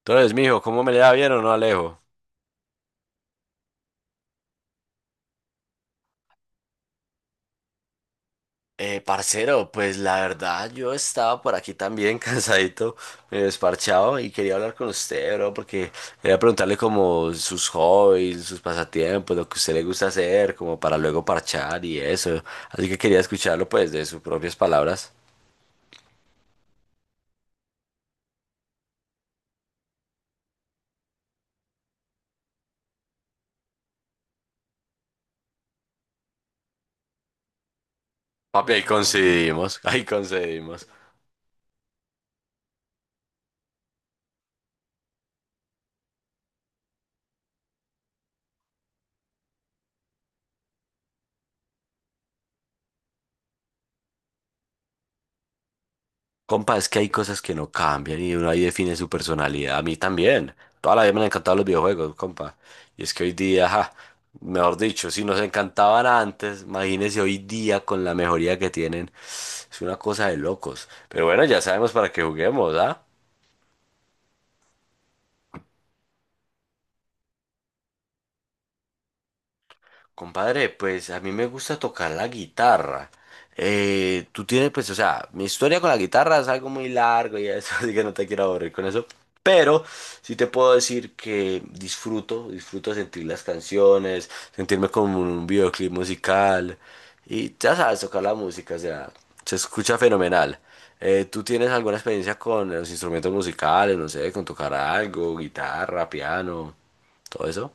Entonces, mijo, ¿cómo me le da bien o no, Alejo? Parcero, pues la verdad yo estaba por aquí también cansadito, me desparchado y quería hablar con usted, bro, porque quería preguntarle como sus hobbies, sus pasatiempos, lo que a usted le gusta hacer, como para luego parchar y eso. Así que quería escucharlo pues de sus propias palabras. Papi, ahí coincidimos, ahí coincidimos. Compa, es que hay cosas que no cambian y uno ahí define su personalidad. A mí también. Toda la vida me han encantado los videojuegos, compa. Y es que hoy día, ja, mejor dicho, si nos encantaban antes, imagínense hoy día con la mejoría que tienen. Es una cosa de locos. Pero bueno, ya sabemos para qué juguemos, ¿ah? Compadre, pues a mí me gusta tocar la guitarra. Tú tienes, pues, o sea, mi historia con la guitarra es algo muy largo y eso, así que no te quiero aburrir con eso. Pero sí te puedo decir que disfruto sentir las canciones, sentirme como en un videoclip musical. Y ya sabes, tocar la música, o sea, se escucha fenomenal. ¿Tú tienes alguna experiencia con los instrumentos musicales, no sé, con tocar algo, guitarra, piano, todo eso?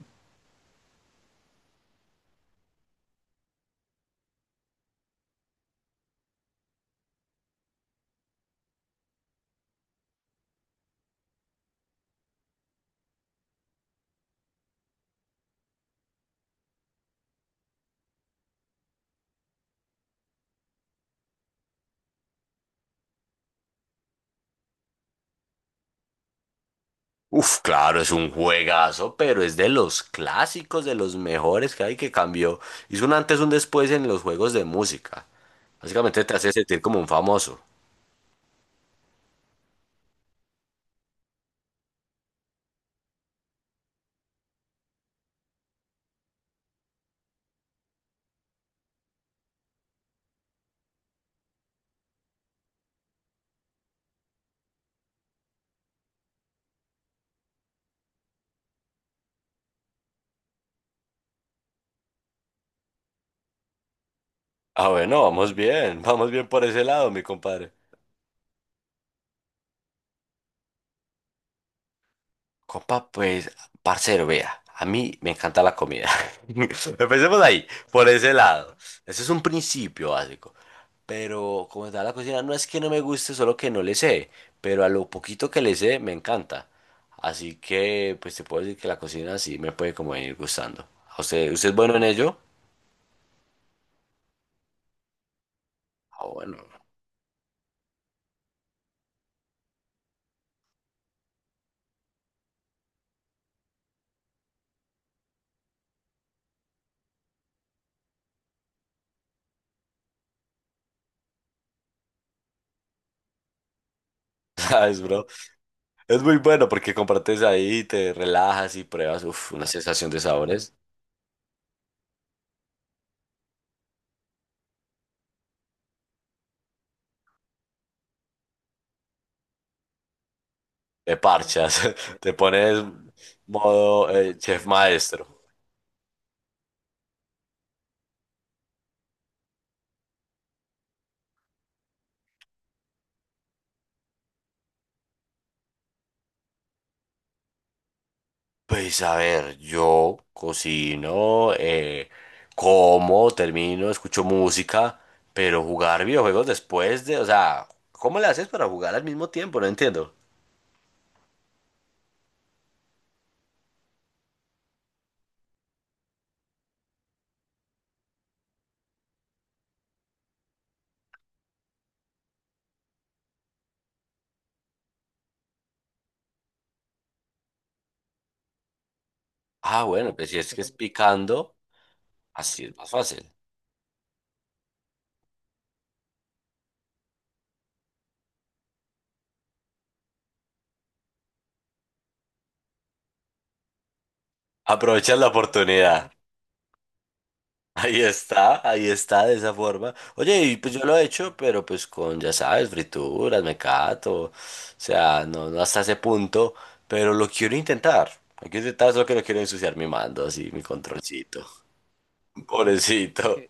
Uf, claro, es un juegazo, pero es de los clásicos, de los mejores que hay que cambió. Hizo un antes, un después en los juegos de música. Básicamente te hace sentir como un famoso. Ah, bueno, vamos bien, vamos bien por ese lado, mi compadre. Copa, pues, parcero, vea, a mí me encanta la comida. Empecemos ahí, por ese lado. Ese es un principio básico. Pero como tal, la cocina no es que no me guste, solo que no le sé. Pero a lo poquito que le sé, me encanta. Así que, pues, te puedo decir que la cocina sí me puede como venir gustando. ¿A usted es bueno en ello? Ah, bueno. ¿Sabes, bro? Es muy bueno porque compartes ahí, te relajas y pruebas, uf, una sensación de sabores. Te parchas, te pones modo chef maestro. Pues a ver, yo cocino, como, termino, escucho música, pero jugar videojuegos después de, o sea, ¿cómo le haces para jugar al mismo tiempo? No entiendo. Ah, bueno, pues si es que es picando, así es más fácil. Aprovechas la oportunidad. Ahí está de esa forma. Oye, y pues yo lo he hecho, pero pues con, ya sabes, frituras, mecato, o sea, no, no hasta ese punto, pero lo quiero intentar. Lo quiero intentar, solo que no quiero ensuciar mi mando, así, mi controlcito. Pobrecito.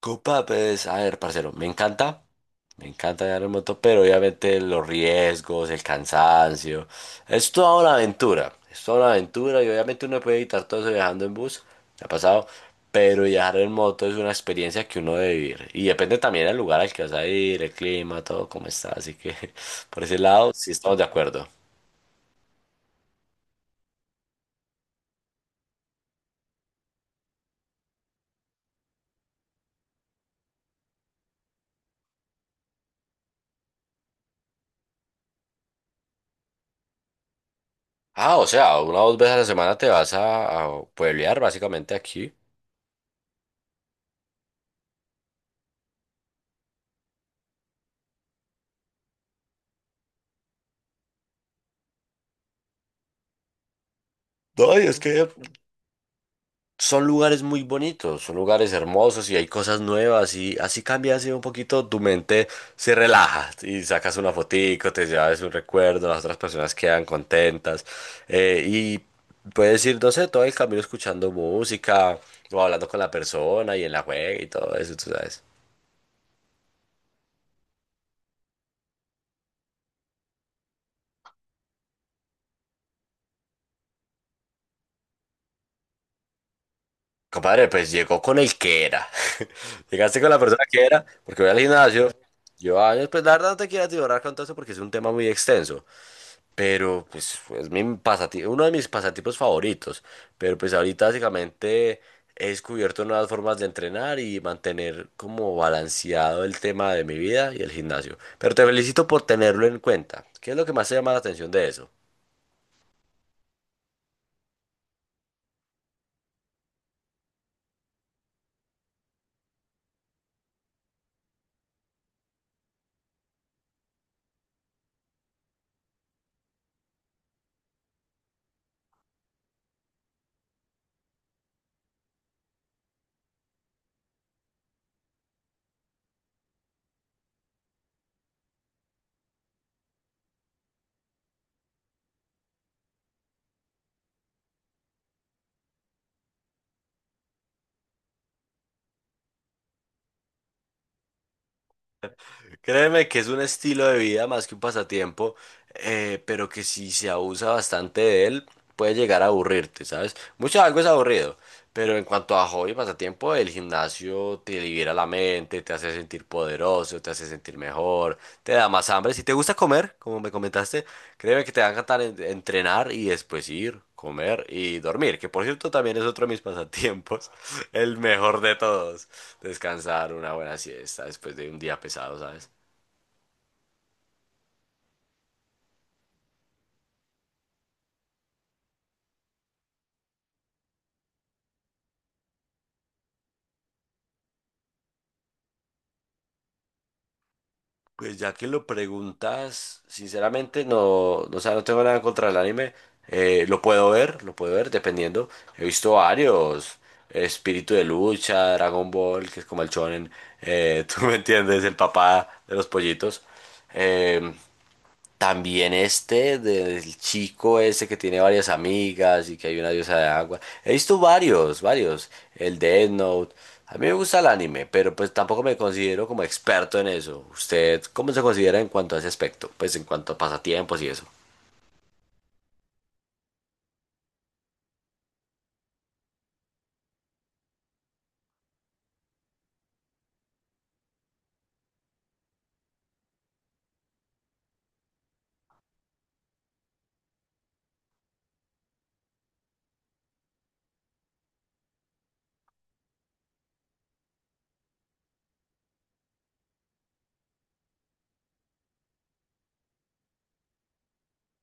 Copa, pues, a ver, parcero, me encanta. Me encanta viajar en moto, pero obviamente los riesgos, el cansancio, es toda una aventura, es toda una aventura y obviamente uno puede evitar todo eso viajando en bus, me ha pasado, pero viajar en moto es una experiencia que uno debe vivir y depende también del lugar al que vas a ir, el clima, todo cómo está, así que por ese lado sí estamos de acuerdo. Ah, o sea, una o dos veces a la semana te vas a pueblear básicamente aquí. No, y es que son lugares muy bonitos, son lugares hermosos y hay cosas nuevas y así cambias así un poquito tu mente, se relaja y sacas una fotico, te llevas un recuerdo, las otras personas quedan contentas y puedes ir, no sé, todo el camino escuchando música o hablando con la persona y en la juega y todo eso, tú sabes. Compadre, pues llegó con el que era. Llegaste con la persona que era, porque voy al gimnasio. Yo, años, pues la verdad no te quiero atiborrar con todo eso porque es un tema muy extenso. Pero pues es mi uno de mis pasatiempos favoritos. Pero pues ahorita básicamente he descubierto nuevas formas de entrenar y mantener como balanceado el tema de mi vida y el gimnasio. Pero te felicito por tenerlo en cuenta. ¿Qué es lo que más te llama la atención de eso? Créeme que es un estilo de vida más que un pasatiempo, pero que si se abusa bastante de él, puede llegar a aburrirte, ¿sabes? Mucho algo es aburrido, pero en cuanto a hobby y pasatiempo, el gimnasio te libera la mente, te hace sentir poderoso, te hace sentir mejor, te da más hambre. Si te gusta comer, como me comentaste, créeme que te va a encantar entrenar y después ir, comer y dormir, que por cierto también es otro de mis pasatiempos, el mejor de todos. Descansar una buena siesta después de un día pesado, ¿sabes? Pues ya que lo preguntas, sinceramente no, no, o sea, no tengo nada contra el anime. Lo puedo ver, lo puedo ver, dependiendo. He visto varios. Espíritu de lucha, Dragon Ball, que es como el shonen. Tú me entiendes, el papá de los pollitos. Eh, También este del chico ese que tiene varias amigas y que hay una diosa de agua. He visto varios. El de Death Note. A mí me gusta el anime, pero pues tampoco me considero como experto en eso. ¿Usted cómo se considera en cuanto a ese aspecto? Pues en cuanto a pasatiempos y eso.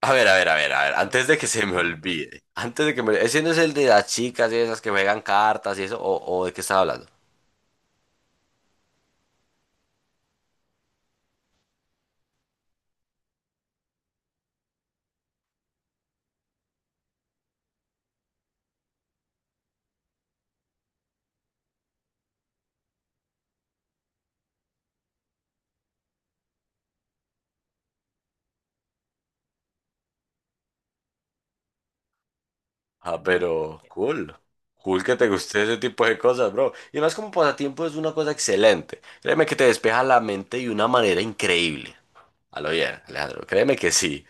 A ver. Antes de que se me olvide. Antes de que me... Ese no es el de las chicas y esas que juegan cartas y eso. O de qué estaba hablando? Ah, pero cool. Cool que te guste ese tipo de cosas, bro. Y más como pasatiempo es una cosa excelente. Créeme que te despeja la mente de una manera increíble. A lo bien, Alejandro. Créeme que sí.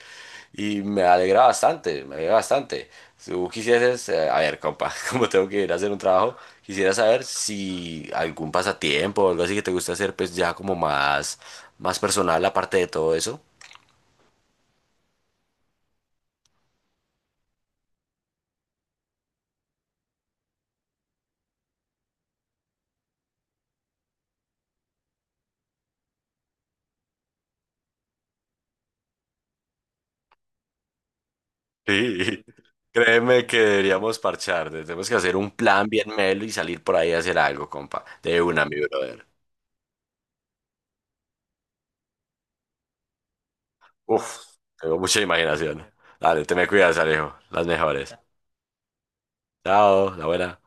Y me alegra me alegra bastante. Si tú quisieses, a ver, compa, como tengo que ir a hacer un trabajo, quisiera saber si algún pasatiempo o algo así que te gusta hacer, pues ya como más personal aparte de todo eso. Sí, créeme que deberíamos parchar, tenemos que hacer un plan bien melo y salir por ahí a hacer algo, compa, de una, mi brother. Uf, tengo mucha imaginación. Dale, te me cuidas, Alejo, las mejores. Chao, la buena.